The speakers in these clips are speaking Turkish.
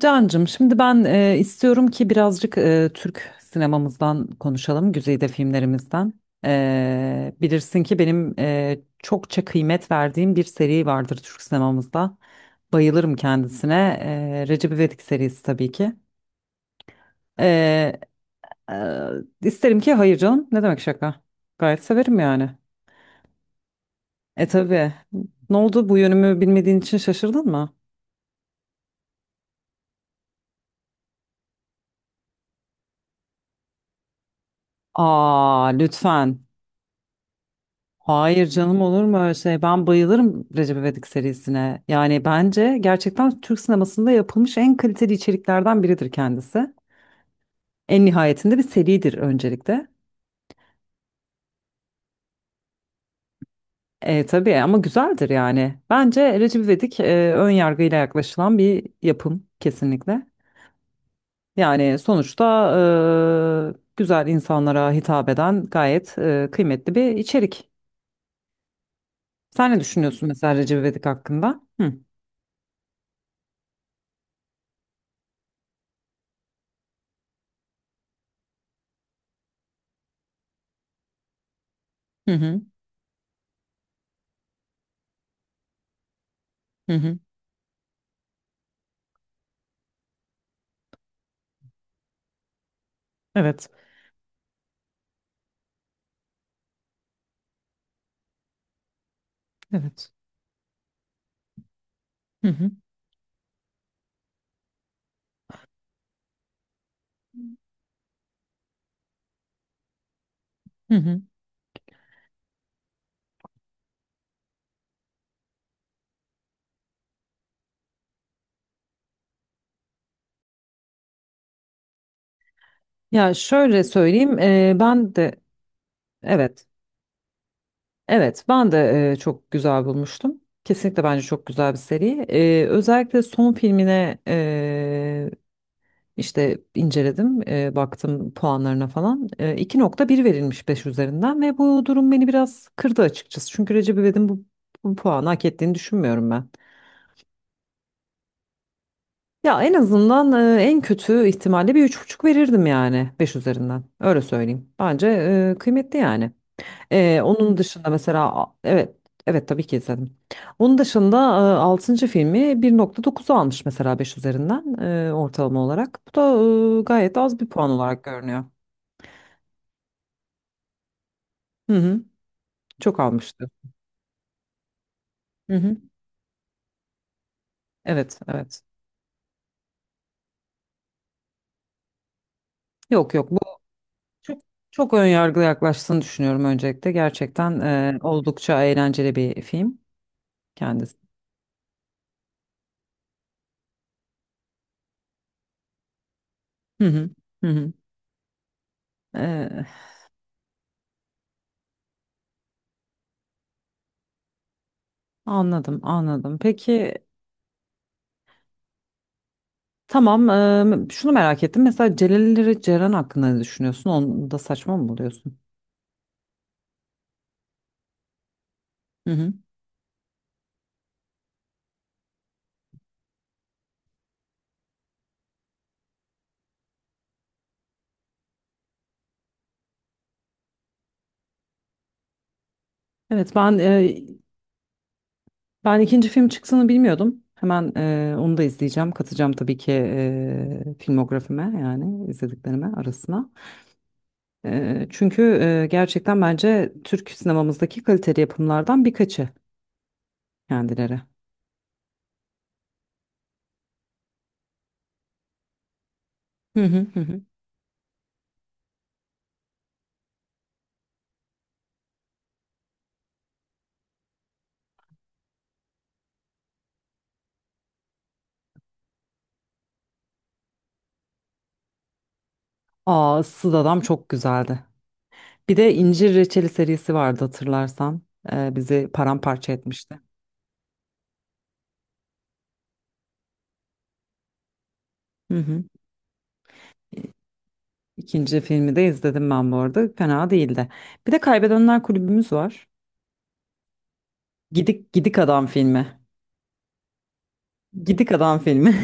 Cancım, şimdi ben istiyorum ki birazcık Türk sinemamızdan konuşalım, güzide filmlerimizden. Bilirsin ki benim çokça kıymet verdiğim bir seri vardır Türk sinemamızda. Bayılırım kendisine. Recep İvedik serisi tabii ki. E, e, isterim ki hayır canım. Ne demek şaka? Gayet severim yani. Tabii. Ne oldu? Bu yönümü bilmediğin için şaşırdın mı? Aa, lütfen. Hayır canım, olur mu öyle şey? Ben bayılırım Recep İvedik serisine. Yani bence gerçekten Türk sinemasında yapılmış en kaliteli içeriklerden biridir kendisi. En nihayetinde bir seridir öncelikle. Tabii ama güzeldir yani. Bence Recep İvedik ön yargıyla yaklaşılan bir yapım kesinlikle. Yani sonuçta güzel insanlara hitap eden gayet kıymetli bir içerik. Sen ne düşünüyorsun mesela Recep İvedik hakkında? Hı hı hı hı. Hı. Evet. Evet. Hı hı. Hı hı. Ya şöyle söyleyeyim, ben de, evet, evet, ben de çok güzel bulmuştum. Kesinlikle bence çok güzel bir seri. Özellikle son filmine işte inceledim, baktım puanlarına falan. 2,1 verilmiş 5 üzerinden ve bu durum beni biraz kırdı açıkçası. Çünkü Recep İvedik'in bu puanı hak ettiğini düşünmüyorum ben. Ya en azından en kötü ihtimalle bir 3,5 verirdim yani 5 üzerinden. Öyle söyleyeyim. Bence kıymetli yani. Onun dışında mesela evet, evet tabii ki izledim. Onun dışında altıncı filmi 1,9'u almış mesela 5 üzerinden ortalama olarak. Bu da gayet az bir puan olarak görünüyor. Hı hı, çok almıştı. Hı hı, evet evet. Yok yok, bu çok çok ön yargılı yaklaştığını düşünüyorum öncelikle. Gerçekten oldukça eğlenceli bir film kendisi. Hı hı, hı hı. Ee, Anladım anladım. Peki. Tamam, şunu merak ettim. Mesela Celal Ceren hakkında ne düşünüyorsun? Onu da saçma mı buluyorsun? Hı hı. Evet, ben ikinci film çıktığını bilmiyordum. Hemen onu da izleyeceğim. Katacağım tabii ki filmografime yani izlediklerime arasına. Çünkü gerçekten bence Türk sinemamızdaki kaliteli yapımlardan birkaçı kendileri. Hı hı hı. Hı. Aa, Issız Adam çok güzeldi. Bir de İncir Reçeli serisi vardı hatırlarsan. Bizi paramparça etmişti. Hı hı. İkinci filmi de izledim ben bu arada. Fena değildi. Bir de Kaybedenler Kulübümüz var. Gidik Gidik Adam filmi. Gidik Adam filmi.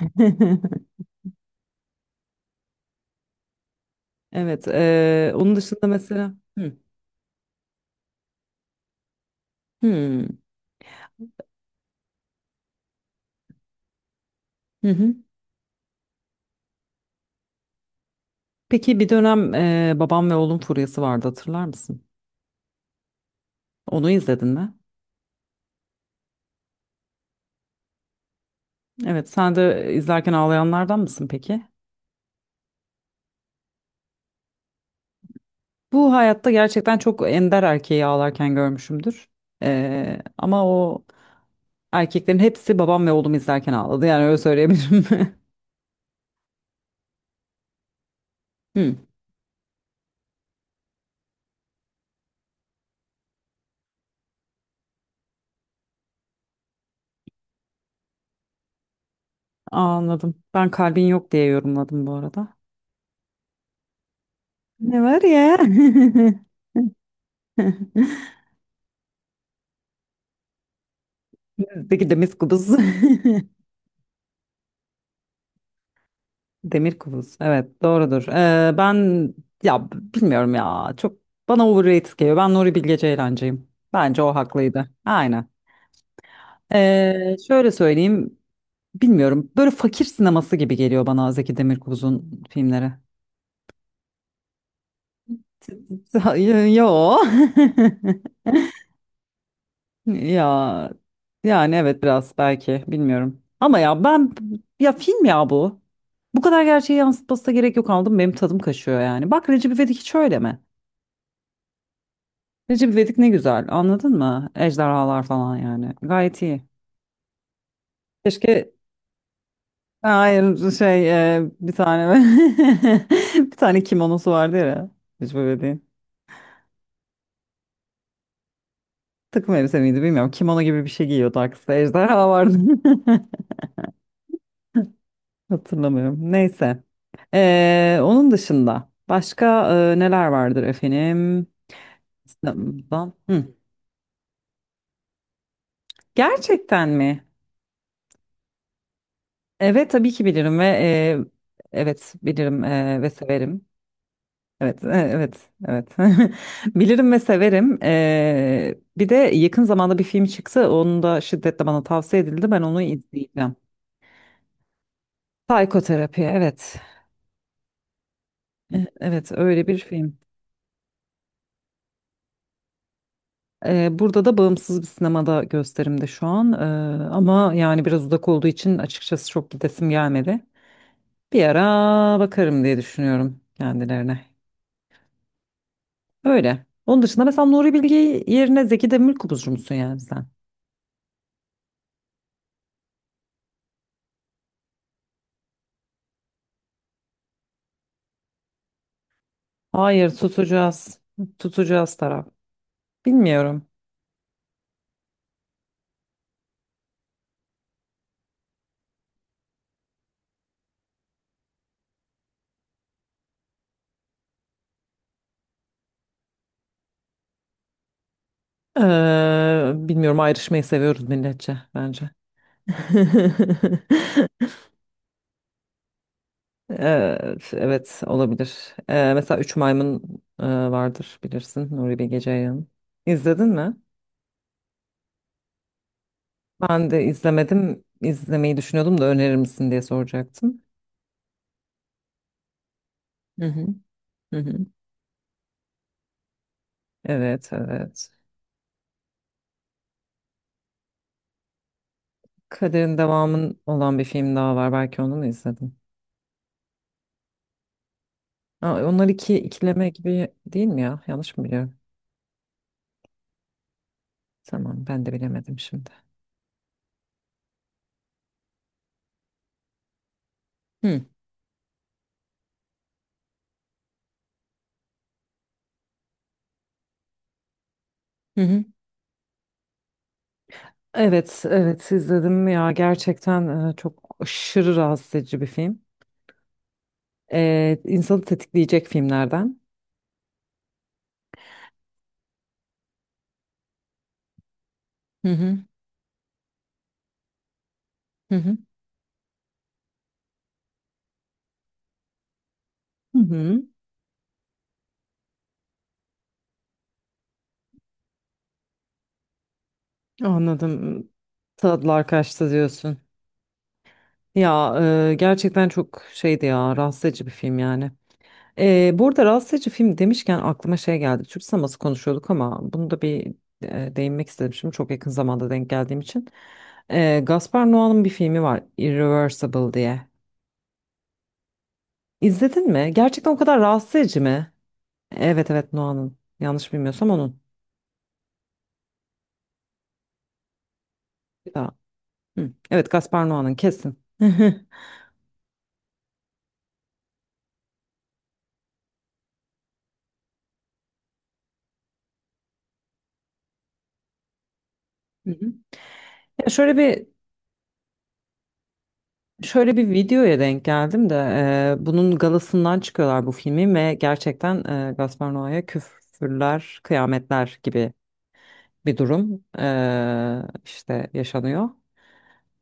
Evet. Onun dışında mesela. Hı. Hı. Hı hı. Peki bir dönem Babam ve Oğlum furyası vardı hatırlar mısın? Onu izledin mi? Evet. Sen de izlerken ağlayanlardan mısın peki? Bu hayatta gerçekten çok ender erkeği ağlarken görmüşümdür. Ama o erkeklerin hepsi Babam ve Oğlum izlerken ağladı. Yani öyle söyleyebilirim. Hı, anladım. Ben kalbin yok diye yorumladım bu arada. Ne var ya? Bizdeki demir kubus. Demir kubus. Evet, doğrudur. Ben ya bilmiyorum ya. Çok bana overrated geliyor. Ben Nuri Bilge Ceylancıyım. Bence o haklıydı. Aynen. Şöyle söyleyeyim. Bilmiyorum. Böyle fakir sineması gibi geliyor bana Zeki Demirkubuz'un filmleri. Hayır, yo. Ya yani evet biraz belki bilmiyorum. Ama ya ben ya film ya bu. Bu kadar gerçeği yansıtması da gerek yok aldım. Benim tadım kaşıyor yani. Bak Recep İvedik hiç öyle mi? Recep İvedik ne güzel, anladın mı? Ejderhalar falan yani. Gayet iyi. Keşke, hayır, şey, bir tane bir tane kimonosu vardı ya Recep İvedik'in. Takım elbise miydi bilmiyorum. Kimono gibi bir şey giyiyordu, arkasında ejderha vardı. Hatırlamıyorum. Neyse. Onun dışında başka neler vardır efendim? İstanbul'dan. Hı. Gerçekten mi? Evet tabii ki bilirim ve evet bilirim ve severim. Evet, evet, evet. Bilirim ve severim. Bir de yakın zamanda bir film çıktı. Onu da şiddetle bana tavsiye edildi. Ben onu izleyeceğim. Psikoterapi, evet. Evet, öyle bir film. Burada da bağımsız bir sinemada gösterimde şu an. Ama yani biraz uzak olduğu için açıkçası çok gidesim gelmedi. Bir ara bakarım diye düşünüyorum kendilerine. Öyle. Onun dışında mesela Nuri Bilge yerine Zeki Demirkubuzcu musun yani sen? Hayır, tutacağız. Tutacağız taraf. Bilmiyorum. Bilmiyorum, ayrışmayı seviyoruz milletçe bence. Evet, evet olabilir. Mesela Üç Maymun vardır bilirsin, Nuri Bilge Ceylan. İzledin mi? Ben de izlemedim. İzlemeyi düşünüyordum da önerir misin diye soracaktım. Hı hı. Hı hı. Evet, evet. Kaderin devamının olan bir film daha var. Belki onu mu izledin? Aa, onlar iki ikileme gibi değil mi ya? Yanlış mı biliyorum? Tamam, ben de bilemedim şimdi. Hı hı. Hı. Evet, evet izledim ya. Gerçekten çok aşırı rahatsız edici bir film. İnsanı tetikleyecek filmlerden. Hı hı. Hı hı. Hı hı, anladım. Tadılar kaçtı diyorsun. Ya gerçekten çok şeydi ya, rahatsız edici bir film yani. Bu arada rahatsız edici film demişken aklıma şey geldi. Türk sineması konuşuyorduk ama bunu da bir değinmek istedim şimdi çok yakın zamanda denk geldiğim için. Gaspar Noé'nin bir filmi var, Irreversible diye. İzledin mi? Gerçekten o kadar rahatsız edici mi? Evet evet, Noé'nin, yanlış bilmiyorsam onun. Hı. Evet, Gaspar Noa'nın kesin. Hı. Hı. Ya şöyle bir videoya denk geldim de bunun galasından çıkıyorlar bu filmi ve gerçekten Gaspar Noa'ya küfürler, kıyametler gibi bir durum işte yaşanıyor.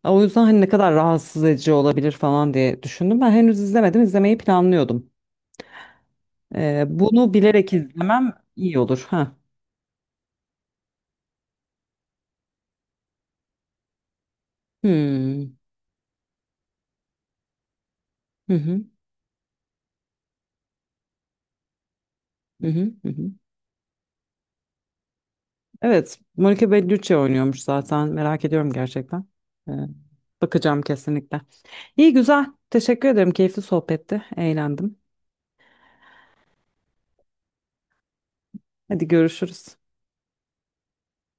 O yüzden hani ne kadar rahatsız edici olabilir falan diye düşündüm. Ben henüz izlemedim, izlemeyi planlıyordum. Bunu bilerek izlemem iyi olur. Ha. Hmm. Hı hı. Hı hı. Hı hı. Evet, Monica Bellucci oynuyormuş zaten. Merak ediyorum gerçekten. Ee, Bakacağım kesinlikle. İyi güzel. Teşekkür ederim. Keyifli sohbetti. Eğlendim. Hadi görüşürüz.